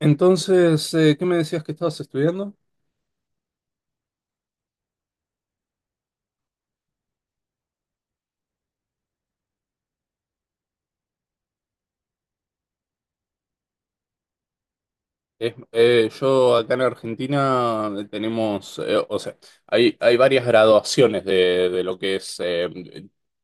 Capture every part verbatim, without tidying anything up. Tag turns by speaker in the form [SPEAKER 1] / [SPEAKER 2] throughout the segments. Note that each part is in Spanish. [SPEAKER 1] Entonces, eh, ¿qué me decías que estabas estudiando? Es- eh, yo acá en Argentina eh, tenemos, eh, o sea, hay, hay varias graduaciones de, de lo que es eh,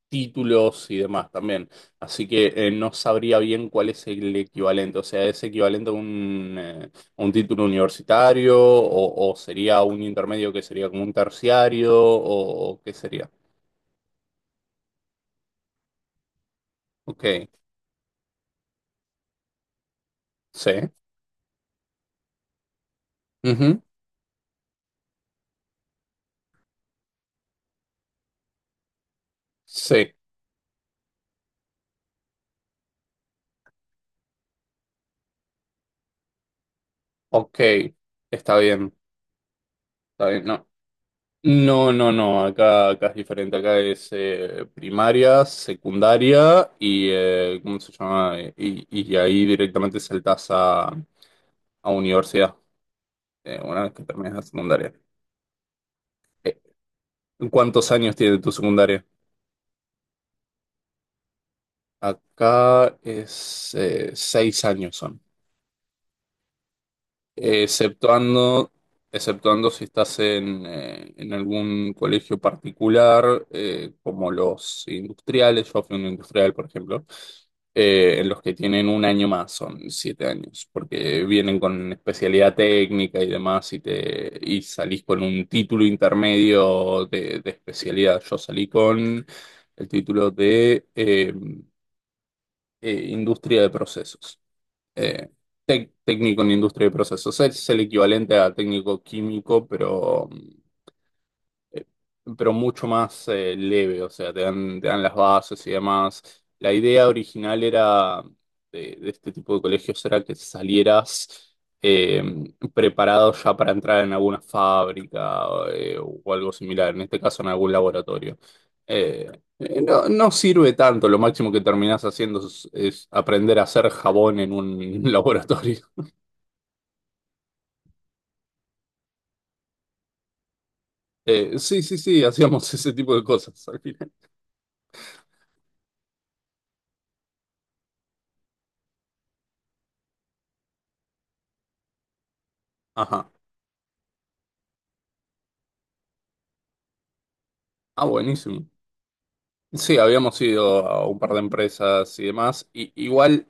[SPEAKER 1] títulos y demás también. Así que eh, no sabría bien cuál es el equivalente. O sea, ¿es equivalente a un, eh, a un título universitario o, o sería un intermedio que sería como un terciario o, o qué sería? Ok, sí. Ujú. Sí, ok, está bien. Está bien, no. No, no, no, acá, acá es diferente, acá es eh, primaria, secundaria y, eh, ¿cómo se llama? Eh, Y, y ahí directamente saltás a, a universidad, eh, una vez que terminas la secundaria. Eh, ¿Cuántos años tiene tu secundaria? Acá es eh, seis años son. Exceptuando, exceptuando si estás en, eh, en algún colegio particular, eh, como los industriales, yo fui un industrial, por ejemplo, eh, en los que tienen un año más, son siete años, porque vienen con especialidad técnica y demás, y, te, y salís con un título intermedio de, de especialidad. Yo salí con el título de eh, eh, industria de procesos. Eh, tec- Técnico en industria de procesos. Es el equivalente a técnico químico, pero, eh, pero mucho más eh, leve, o sea, te dan, te dan las bases y demás. La idea original era de, de este tipo de colegios era que salieras eh, preparado ya para entrar en alguna fábrica eh, o algo similar, en este caso en algún laboratorio. Eh, eh, no, no sirve tanto, lo máximo que terminás haciendo es, es aprender a hacer jabón en un laboratorio. Eh, sí, sí, sí, hacíamos ese tipo de cosas al final. Ajá. Ah, buenísimo. Sí, habíamos ido a un par de empresas y demás. Y, igual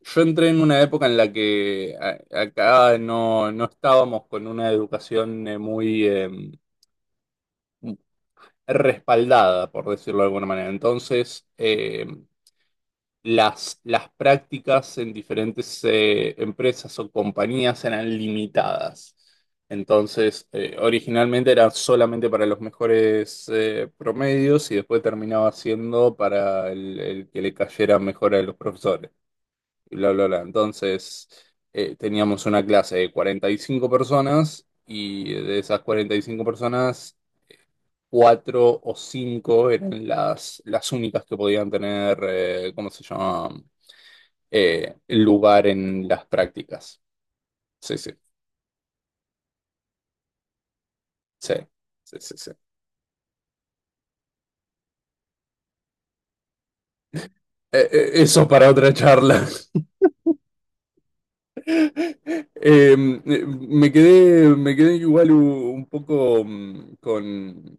[SPEAKER 1] yo entré en una época en la que a- acá no, no estábamos con una educación eh, muy eh, respaldada, por decirlo de alguna manera. Entonces, em, las, las prácticas en diferentes eh, empresas o compañías eran limitadas. Entonces, eh, originalmente era solamente para los mejores eh, promedios y después terminaba siendo para el, el que le cayera mejor a los profesores y bla, bla, bla. Entonces, eh, teníamos una clase de cuarenta y cinco personas y de esas cuarenta y cinco personas, cuatro o cinco eran las, las únicas que podían tener, eh, ¿cómo se llama? eh, lugar en las prácticas. Sí, sí, sí, sí, sí, sí. Eh, eh, Eso para otra charla. Eh, me quedé, me quedé igual u- un poco mm, con,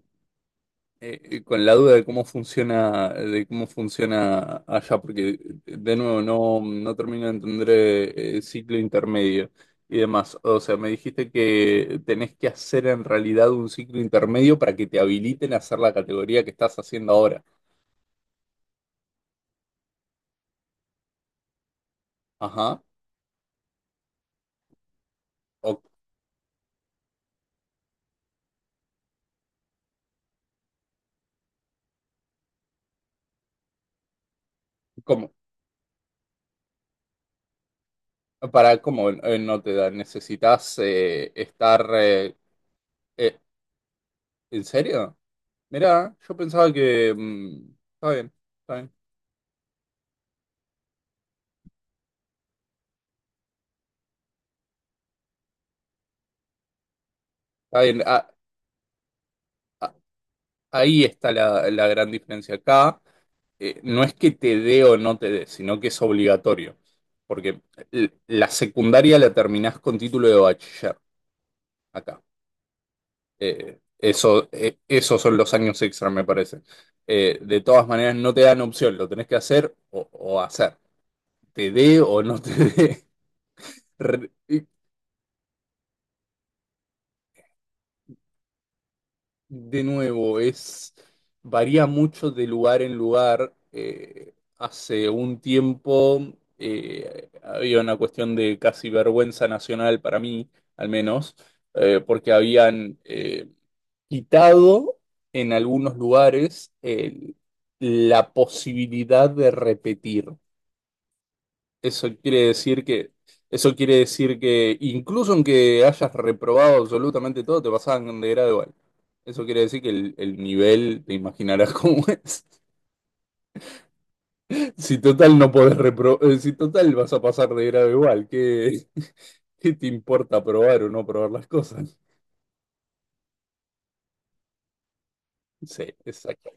[SPEAKER 1] eh, eh, con la duda de cómo funciona, de cómo funciona allá, porque de nuevo no, no termino de entender eh, el ciclo intermedio y demás. O sea, me dijiste que tenés que hacer en realidad un ciclo intermedio para que te habiliten a hacer la categoría que estás haciendo ahora. Ajá. O como, para cómo eh, no te da, necesitas eh, estar eh, eh, ¿en serio? Mira, yo pensaba que mm, está bien, está bien, está bien. Ah, ah, ahí está la, la gran diferencia. Acá eh, no es que te dé o no te dé, sino que es obligatorio. Porque l- la secundaria la terminás con título de bachiller acá. Eh, eso, eh, esos son los años extra, me parece. Eh, de todas maneras, no te dan opción, lo tenés que hacer o, o hacer. Te dé o no te dé. Re- y De nuevo, es, varía mucho de lugar en lugar. Eh, hace un tiempo eh, había una cuestión de casi vergüenza nacional para mí, al menos, eh, porque habían eh, quitado en algunos lugares el- la posibilidad de repetir. Eso quiere decir que, Eso quiere decir que incluso aunque hayas reprobado absolutamente todo, te pasaban de grado igual. Eso quiere decir que el, el nivel, te imaginarás cómo es. Si total no podés repro- eh, Si total vas a pasar de grado igual, ¿qué, ¿qué te importa probar o no probar las cosas? Sí, exacto.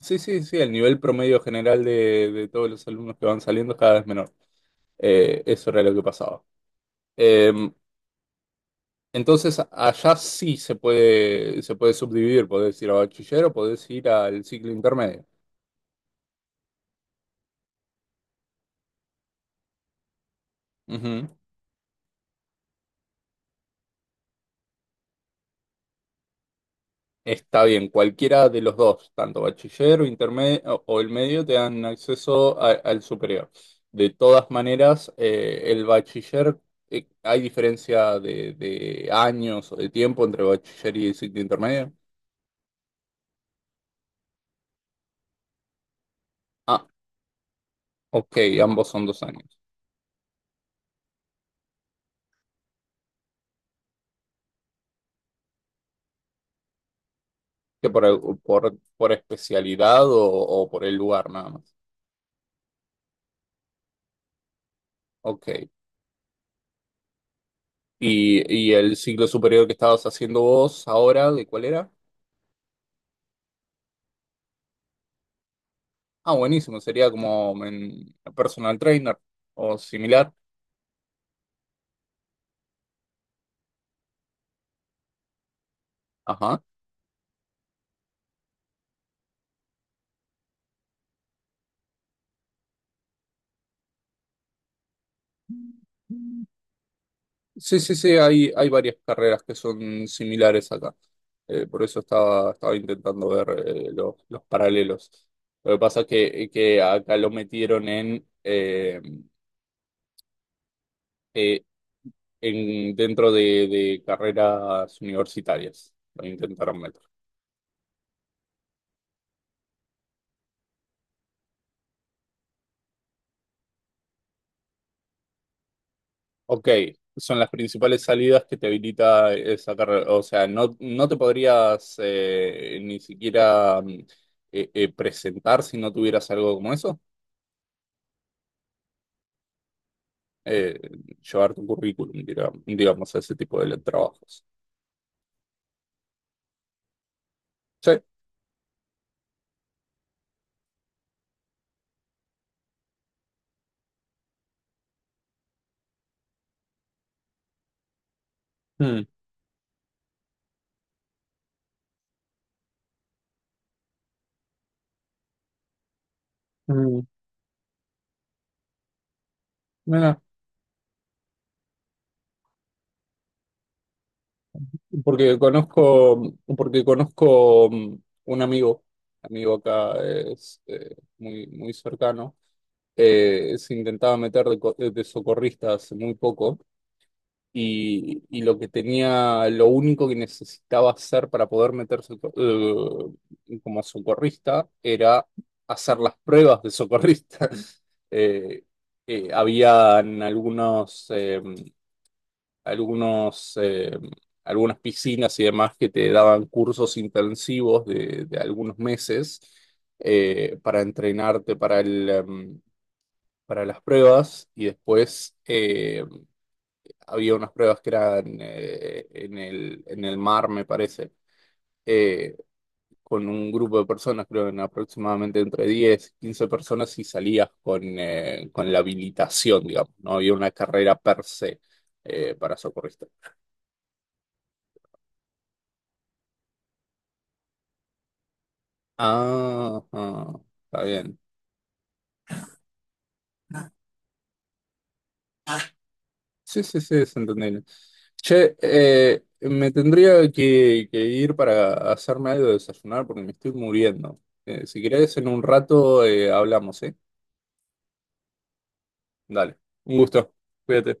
[SPEAKER 1] Sí, sí, sí, el nivel promedio general de, de todos los alumnos que van saliendo es cada vez menor. Eh, eso era lo que pasaba. Eh, entonces, allá sí se puede, se puede subdividir, podés ir a bachiller o podés ir al ciclo intermedio. Ujú. Está bien, cualquiera de los dos, tanto bachiller o intermedio o o el medio, te dan acceso a- al superior. De todas maneras, eh, el bachiller, eh, ¿hay diferencia de, de años o de tiempo entre bachiller y ciclo intermedio? Ah, ok, ambos son dos años. ¿Que por, por, por especialidad o, o por el lugar nada más? Ok. ¿Y, y el ciclo superior que estabas haciendo vos ahora, de cuál era? Ah, buenísimo, sería como en personal trainer o similar. Ajá. Sí, sí, sí, hay, hay varias carreras que son similares acá. Eh, por eso estaba, estaba intentando ver eh, los, los paralelos. Lo que pasa es que, que acá lo metieron en eh, eh, en, dentro de, de carreras universitarias. Lo intentaron meter. Ok, son las principales salidas que te habilita esa carrera. O sea, no, no te podrías eh, ni siquiera mm, eh, eh, presentar si no tuvieras algo como eso. Eh, Llevar tu currículum, diga- digamos, a ese tipo de trabajos. Sí. Mm, mm, Mira, porque conozco, porque conozco mm, un amigo, amigo acá es eh, muy, muy cercano eh, se intentaba meter de, co- de socorrista hace muy poco y, y lo que tenía, lo único que necesitaba hacer para poder meterse co- eh, como socorrista era hacer las pruebas de socorrista. Eh, eh, habían algunos, eh, algunos, eh, algunas piscinas y demás que te daban cursos intensivos de, de algunos meses eh, para entrenarte para el, em, para las pruebas y después eh, había unas pruebas que eran eh, en el, en el mar, me parece, eh, con un grupo de personas, creo que en aproximadamente entre diez quince personas y salías con, eh, con la habilitación, digamos, no había una carrera per se eh, para socorrista. Ah, ah, está bien. Sí, sí, sí, es entendible. Che, eh, me tendría que, que ir para hacerme algo de desayunar porque me estoy muriendo. Eh, si querés, en un rato eh, hablamos, ¿eh? Dale, un gusto. Cuídate.